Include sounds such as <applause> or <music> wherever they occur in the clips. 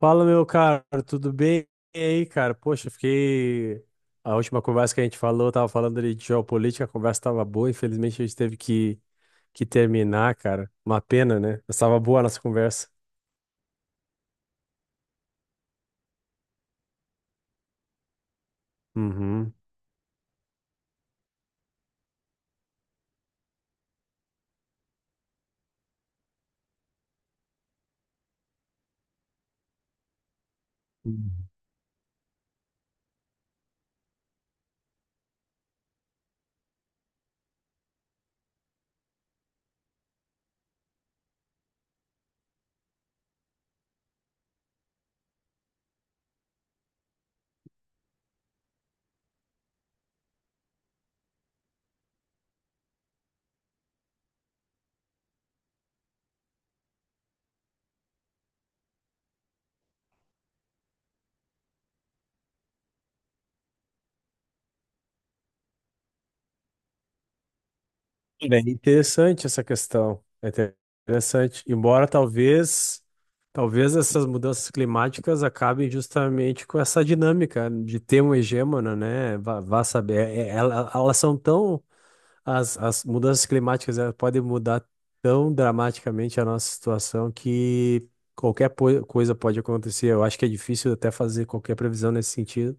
Fala, meu caro, tudo bem? E aí, cara? Poxa, fiquei. A última conversa que a gente falou, tava falando ali de geopolítica, a conversa tava boa, infelizmente a gente teve que terminar, cara. Uma pena, né? Mas tava boa a nossa conversa. Uhum. Uhum. Bem, interessante essa questão. Interessante. Embora talvez essas mudanças climáticas acabem justamente com essa dinâmica de ter um hegemona, né? Vá saber. Elas são tão... As mudanças climáticas, elas podem mudar tão dramaticamente a nossa situação que qualquer coisa pode acontecer. Eu acho que é difícil até fazer qualquer previsão nesse sentido,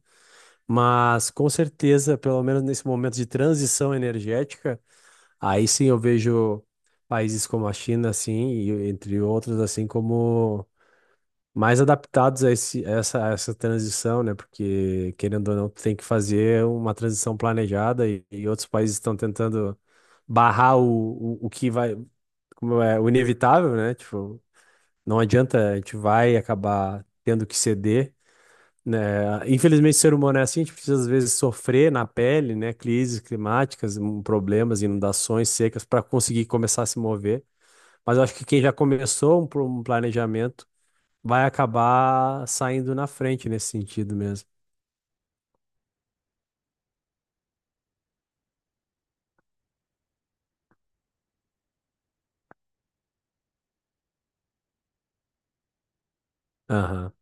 mas com certeza, pelo menos nesse momento de transição energética, aí sim eu vejo países como a China, assim, e entre outros, assim, como mais adaptados a esse, a essa transição, né? Porque, querendo ou não, tu tem que fazer uma transição planejada e outros países estão tentando barrar o que vai, como é, o inevitável, né? Tipo, não adianta, a gente vai acabar tendo que ceder, né? Infelizmente, o ser humano é assim, a gente precisa, às vezes, sofrer na pele, né? Crises climáticas, problemas, inundações, secas, para conseguir começar a se mover. Mas eu acho que quem já começou um planejamento vai acabar saindo na frente nesse sentido mesmo. Aham,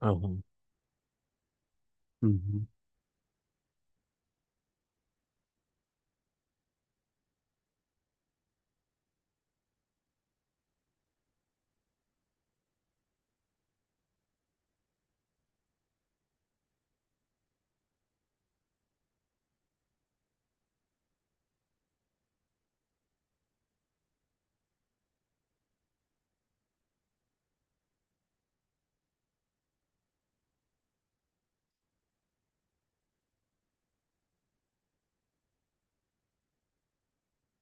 aham. Uhum.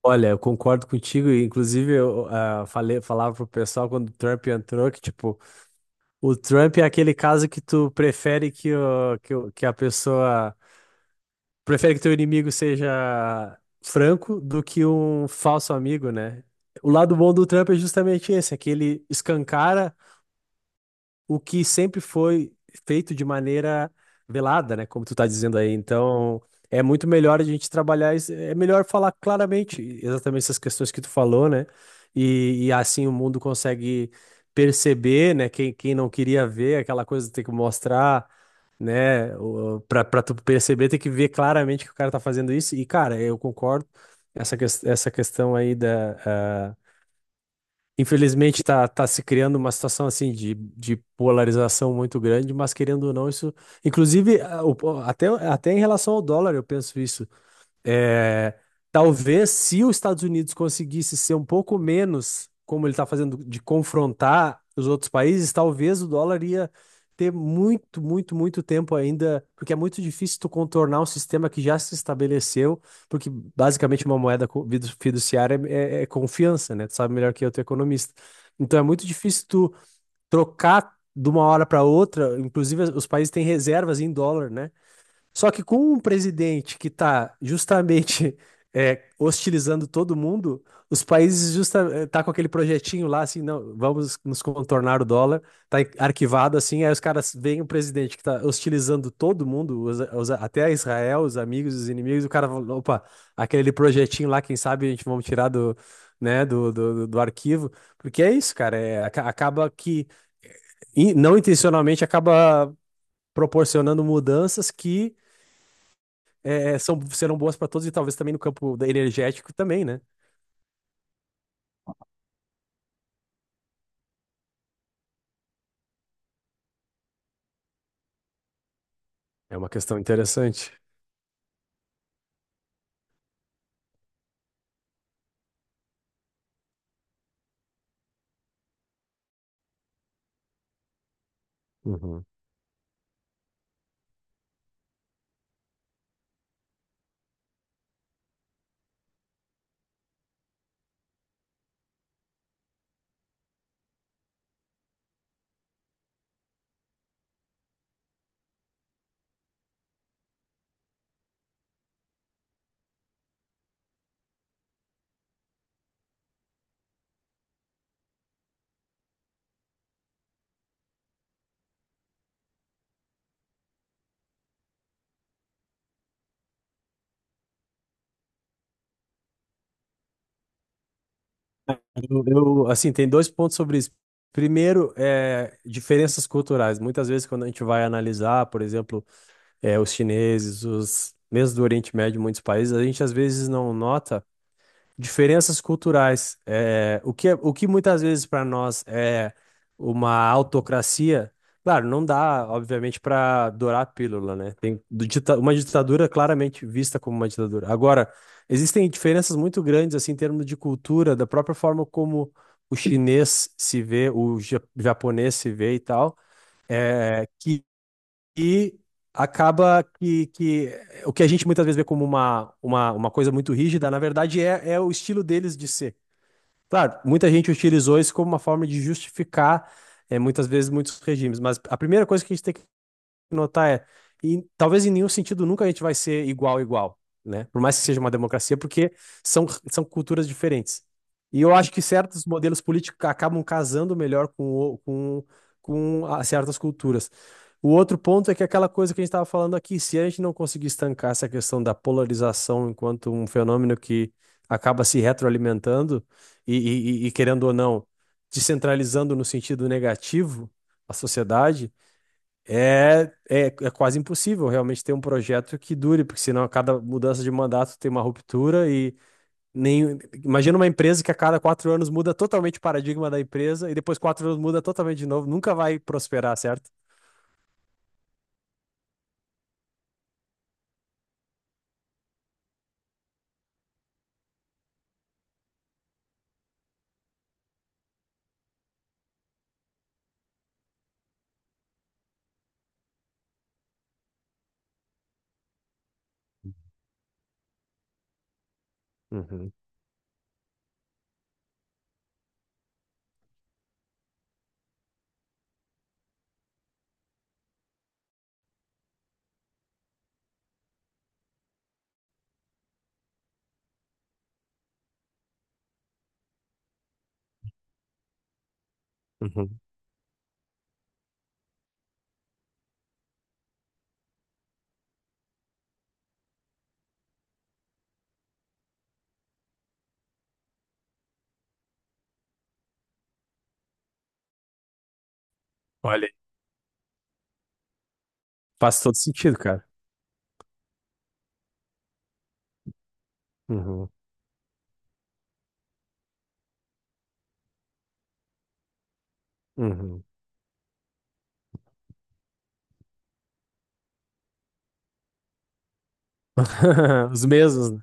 Olha, eu concordo contigo. Inclusive, eu falava pro pessoal quando o Trump entrou que, tipo, o Trump é aquele caso que tu prefere que, o, que, o- que a pessoa. Prefere que teu inimigo seja franco do que um falso amigo, né? O lado bom do Trump é justamente esse, é que ele escancara o que sempre foi feito de maneira velada, né? Como tu tá dizendo aí. Então, é muito melhor a gente é melhor falar claramente exatamente essas questões que tu falou, né? E assim o mundo consegue perceber, né? Quem não queria ver aquela coisa tem que mostrar. Né? Pra tu perceber, tem que ver claramente que o cara tá fazendo isso. E, cara, eu concordo essa questão aí da, infelizmente está tá tá se criando uma situação assim de polarização muito grande, mas querendo ou não, isso. Inclusive, até, até em relação ao dólar, eu penso isso. É, talvez se os Estados Unidos conseguisse ser um pouco menos, como ele está fazendo, de confrontar os outros países, talvez o dólar ia ter muito, muito, muito tempo ainda, porque é muito difícil tu contornar um sistema que já se estabeleceu, porque basicamente uma fiduciária é confiança, né? Tu sabe melhor que eu, tu é economista. Então é muito difícil tu trocar de uma hora para outra, inclusive os países têm reservas em dólar, né? Só que com um presidente que está justamente <laughs> é, hostilizando todo mundo, os países tá com aquele projetinho lá, assim, não, vamos nos contornar o dólar, tá arquivado assim, aí os caras veem o presidente que está hostilizando todo mundo, até a Israel, os amigos, os inimigos, o cara fala, opa, aquele projetinho lá, quem sabe a gente vamos tirar né, do arquivo, porque é isso, cara, é, acaba que, não intencionalmente, acaba proporcionando mudanças que serão boas para todos e talvez também no campo energético também, né? É uma questão interessante. Uhum. Assim, tem dois pontos sobre isso. Primeiro, é, diferenças culturais. Muitas vezes, quando a gente vai analisar, por exemplo, é, os chineses, os mesmo do Oriente Médio, muitos países, a gente às vezes não nota diferenças culturais. O que muitas vezes para nós é uma autocracia, claro, não dá, obviamente, para dourar a pílula, né? Uma ditadura claramente vista como uma ditadura. Agora, existem diferenças muito grandes, assim, em termos de cultura, da própria forma como o chinês se vê, o japonês se vê e tal, que, que acaba que o que a gente muitas vezes vê como uma coisa muito rígida, na verdade, é o estilo deles de ser. Claro, muita gente utilizou isso como uma forma de justificar, eh, muitas vezes, muitos regimes, mas a primeira coisa que a gente tem notar é, e talvez em nenhum sentido nunca a gente vai ser igual, igual, né? Por mais que seja uma democracia, porque são, são culturas diferentes. E eu acho que certos modelos políticos acabam casando melhor o- com, com a- certas culturas. O outro ponto é que aquela coisa que a gente estava falando aqui: se a gente não conseguir estancar essa questão da polarização enquanto um fenômeno que acaba se retroalimentando e querendo ou não, descentralizando no sentido negativo a sociedade, é, é quase impossível realmente ter um projeto que dure, porque senão a cada mudança de mandato tem uma ruptura e nem... Imagina uma empresa que a cada quatro anos muda totalmente o paradigma da empresa e depois quatro anos muda totalmente de novo, nunca vai prosperar, certo? Uhum, uhum. Olha, aí faz todo sentido, cara. Uhum, uhum. <laughs> Os mesmos, né?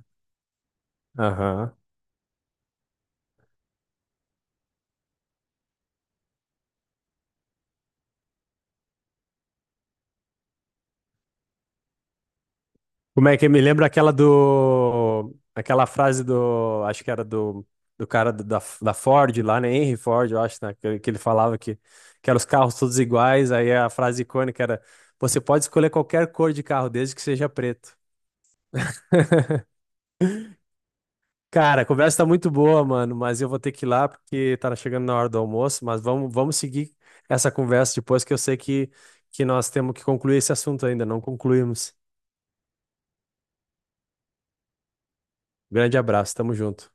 Como é que me lembra aquela do... Aquela frase do... Acho que era do, do cara da da Ford lá, né? Henry Ford, eu acho, né? Que ele falava que eram os carros todos iguais. Aí a frase icônica era: você pode escolher qualquer cor de carro, desde que seja preto. Cara, a conversa tá muito boa, mano, mas eu vou ter que ir lá porque tá chegando na hora do almoço. Mas vamos seguir essa conversa depois, que eu sei que nós temos que concluir esse assunto ainda, não concluímos. Grande abraço, tamo junto.